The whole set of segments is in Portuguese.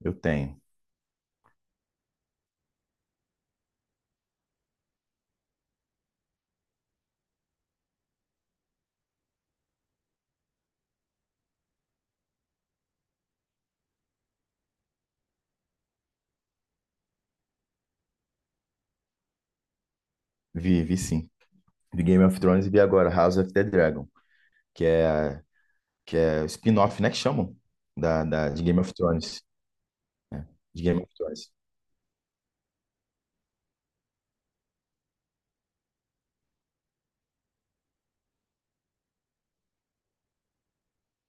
Eu tenho. Vi, sim. Vi Game of Thrones e vi agora House of the Dragon, que é, que é o spin-off, né, que chamam, de Game of Thrones. Né? De Game of Thrones.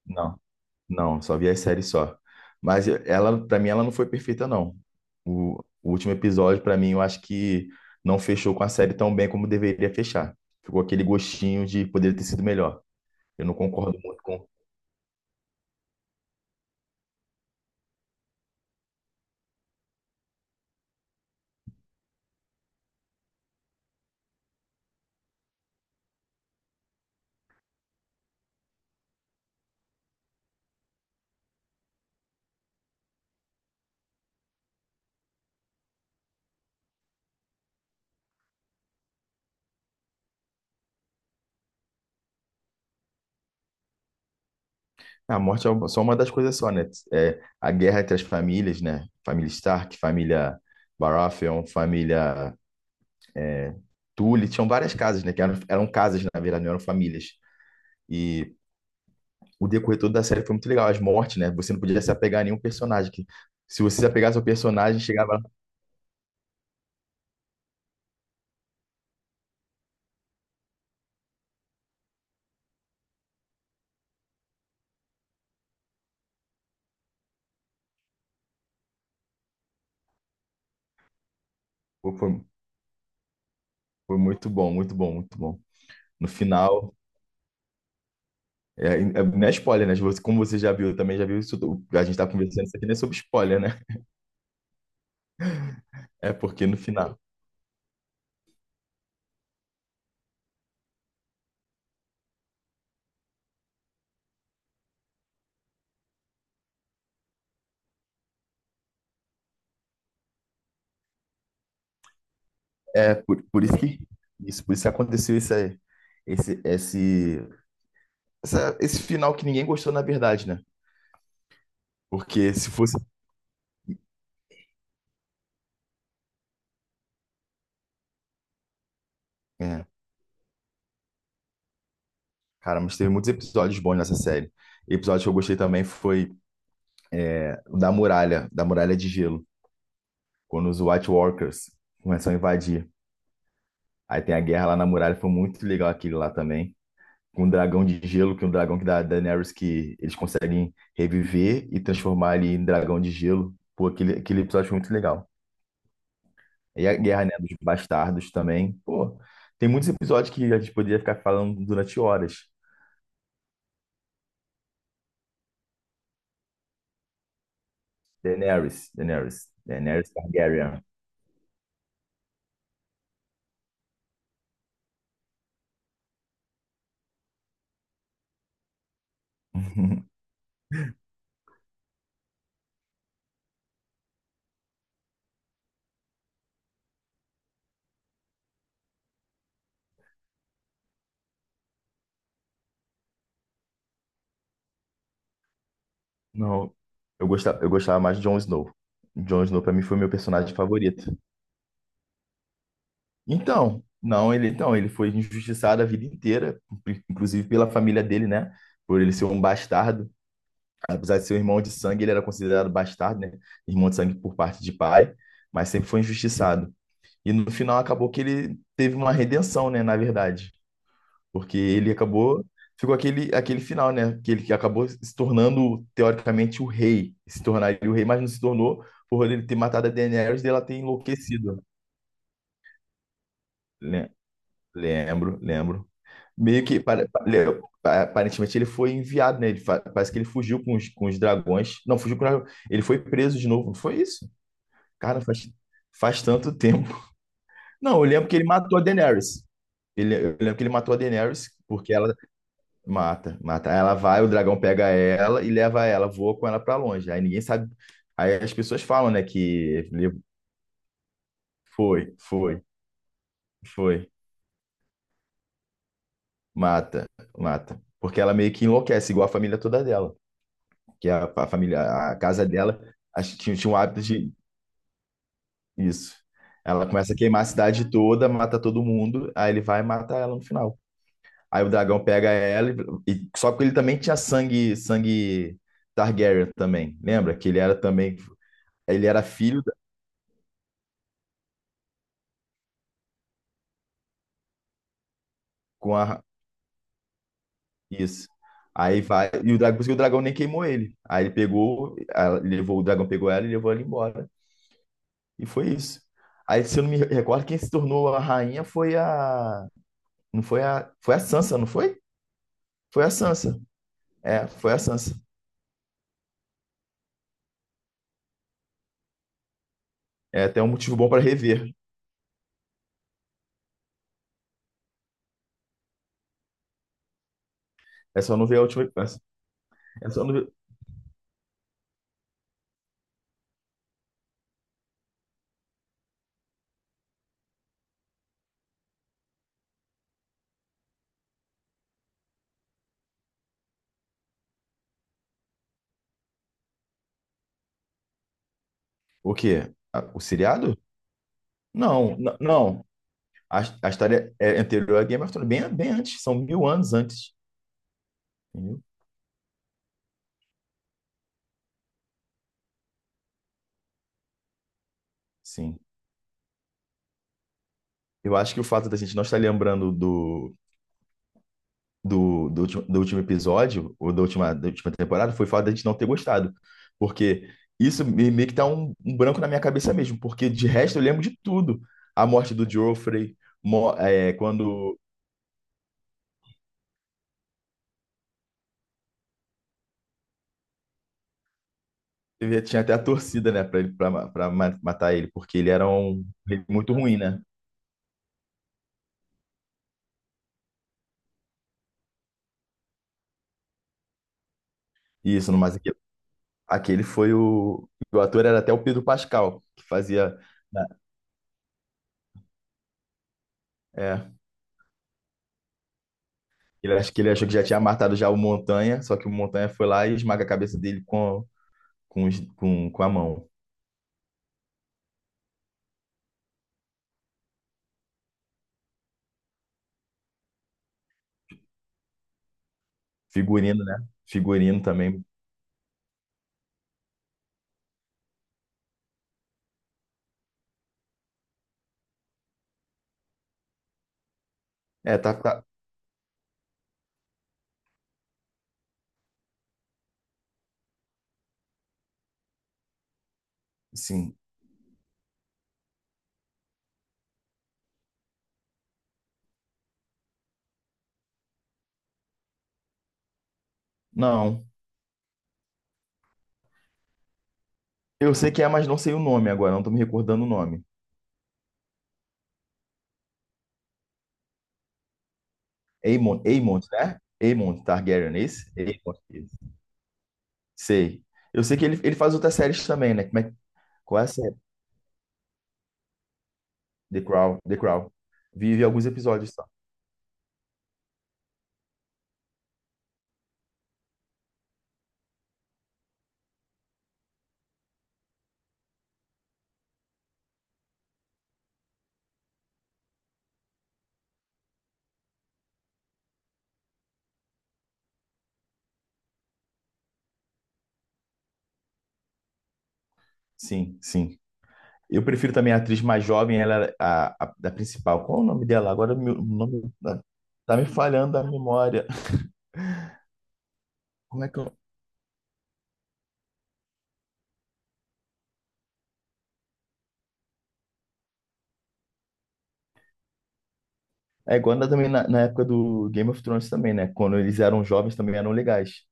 Não, não, só vi as séries só. Mas ela, pra mim, ela não foi perfeita, não. O, o último episódio, pra mim, eu acho que não fechou com a série tão bem como deveria fechar. Ficou aquele gostinho de poder ter sido melhor. Eu não concordo muito. A morte é só uma das coisas só, né? É, a guerra entre as famílias, né? Família Stark, família Baratheon, família Tully, tinham várias casas, né? Que eram casas, na verdade, não eram famílias. E o decorrer todo da série foi muito legal. As mortes, né? Você não podia se apegar a nenhum personagem. Que, se você se apegasse ao personagem, chegava lá. Pô, foi muito bom, muito bom, muito bom. No final, não é spoiler, né? Como você já viu, eu também já viu isso tudo. A gente tá conversando isso aqui, não é sobre spoiler, né? É porque no final. É, por isso que isso, por isso que aconteceu isso aí. Esse, esse, esse final que ninguém gostou, na verdade, né? Porque se fosse. É, cara, mas teve muitos episódios bons nessa série. Episódio que eu gostei também foi o da muralha de gelo, quando os White Walkers começam a invadir. Aí tem a guerra lá na muralha, foi muito legal aquele lá também. Com o dragão de gelo, que é um dragão que da Daenerys que eles conseguem reviver e transformar ele em dragão de gelo. Pô, aquele episódio foi muito legal. E a Guerra, né, dos Bastardos também. Pô, tem muitos episódios que a gente poderia ficar falando durante horas. Daenerys Targaryen. Não, eu gostava mais de Jon Snow. Jon Snow pra mim foi meu personagem favorito. Então, não, ele foi injustiçado a vida inteira, inclusive pela família dele, né? Por ele ser um bastardo, apesar de ser um irmão de sangue, ele era considerado bastardo, né? Irmão de sangue por parte de pai, mas sempre foi injustiçado. E no final acabou que ele teve uma redenção, né, na verdade. Porque ele acabou, ficou aquele final, né, que ele que acabou se tornando, teoricamente, o rei. Se tornaria o rei, mas não se tornou por ele ter matado a Daenerys e ela ter enlouquecido. Le- Lembro, lembro. Meio que, aparentemente, ele foi enviado, né, parece que ele fugiu com os dragões. Não, fugiu com os dragões. Ele foi preso de novo, não foi isso? Cara, faz tanto tempo. Não, eu lembro que ele matou a Daenerys. Eu lembro que ele matou a Daenerys, porque ela mata, mata. Aí ela vai, o dragão pega ela e leva ela, voa com ela pra longe. Aí ninguém sabe. Aí as pessoas falam, né, que ele foi, foi, foi, mata, mata. Porque ela meio que enlouquece, igual a família toda dela. Que a família, a casa dela, acho que tinha um hábito de isso. Ela começa a queimar a cidade toda, mata todo mundo, aí ele vai e mata ela no final. Aí o dragão pega ela só que ele também tinha sangue Targaryen também. Lembra que ele era também, ele era filho com a isso. Aí vai e o dragão, por isso que o dragão nem queimou ele. Aí ele pegou, levou o dragão pegou ela e levou ela embora. E foi isso. Aí se eu não me recordo, quem se tornou a rainha foi não foi foi a Sansa, não foi? Foi a Sansa. É, foi a Sansa. É até um motivo bom para rever. É só não ver a última, é só não ver. O quê? O seriado? Não, não. A história é anterior a Game of Thrones, bem antes, são 1000 anos antes. Entendeu? Sim. Eu acho que o fato da gente não estar lembrando do último episódio, ou da da última temporada, foi o fato da gente não ter gostado. Porque isso meio que tá um branco na minha cabeça mesmo, porque de resto eu lembro de tudo. A morte do Joffrey, quando tinha até a torcida, né, pra, ele, pra ma- matar ele, porque ele era um ele muito ruim, né? Isso, no Mass. Aquele foi o. O ator era até o Pedro Pascal, que fazia. na- É, ele, acho que ele achou que já tinha matado já o Montanha, só que o Montanha foi lá e esmaga a cabeça dele com a mão. Figurino, né? Figurino também. É, tá. Sim. Não. Eu sei que é, mas não sei o nome agora, não tô me recordando o nome. Aemon, né? Aemon Targaryen, esse? Aemon, esse. Sei. Eu sei que ele faz outras séries também, né? Como é, qual é a série? The Crown. Vive alguns episódios só. Sim. Eu prefiro também a atriz mais jovem, ela era da principal. Qual é o nome dela? Agora meu, o nome tá, tá me falhando a memória. Como é que eu... É igual também na época do Game of Thrones também, né? Quando eles eram jovens também eram legais.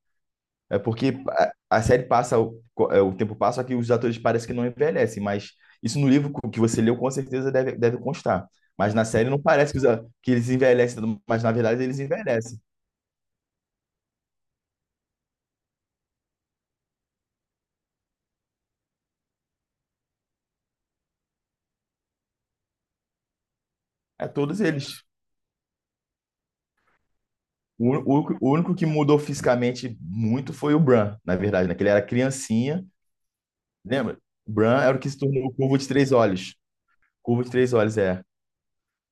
É porque a série passa, o tempo passa, só que os atores parecem que não envelhecem, mas isso no livro que você leu com certeza deve constar. Mas na série não parece que, que eles envelhecem, mas na verdade eles envelhecem. É todos eles. O, ú- o único que mudou fisicamente muito foi o Bran, na verdade, né? Que ele era criancinha, lembra? O Bran era o que se tornou o Curvo de Três Olhos. Curvo de Três Olhos, é.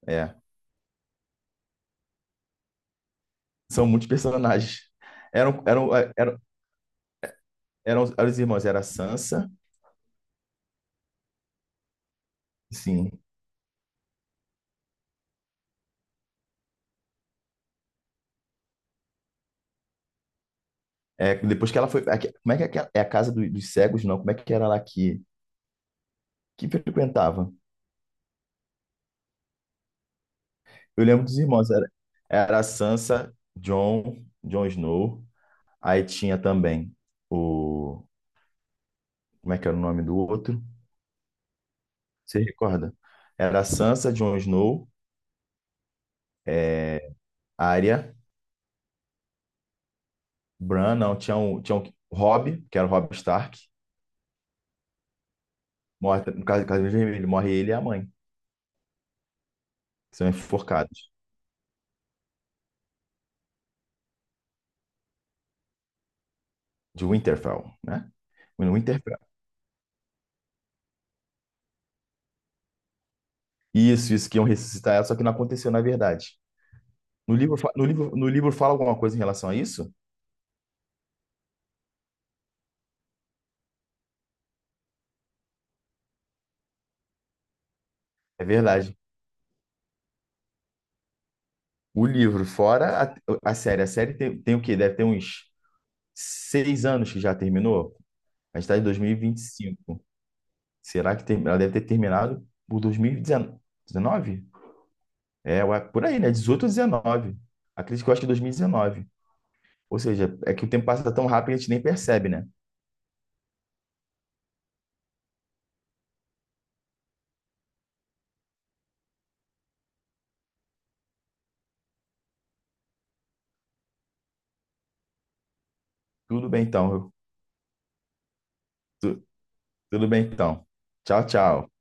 É. São muitos personagens. Eram, eram, é, eram, eram os irmãos, era a Sansa, sim. É, depois que ela foi. Como é que é, é a casa dos cegos, não? Como é que era lá que frequentava? Eu lembro dos irmãos, era a Jon Snow. Aí tinha também o. Como é que era o nome do outro? Você recorda? Era a Sansa, é, Arya, Bran, não, tinha um Robb, que era o Robb Stark. Morre, no caso vermelho, morre ele e a mãe, que são enforcados, de Winterfell, né? No Winterfell. Isso, que iam ressuscitar ela, só que não aconteceu na verdade. No livro, no livro fala alguma coisa em relação a isso? É verdade. O livro, fora a série. A série tem, tem o quê? Deve ter uns 6 anos que já terminou. A gente está em dois mil e vinte e cinco. Será que ela deve ter terminado por 2019? É, ué, por aí, né? 18 ou 19. Acredito que eu acho que 2019. Ou seja, é que o tempo passa tão rápido que a gente nem percebe, né? Tudo bem então. Tu- Tudo bem então. Tchau.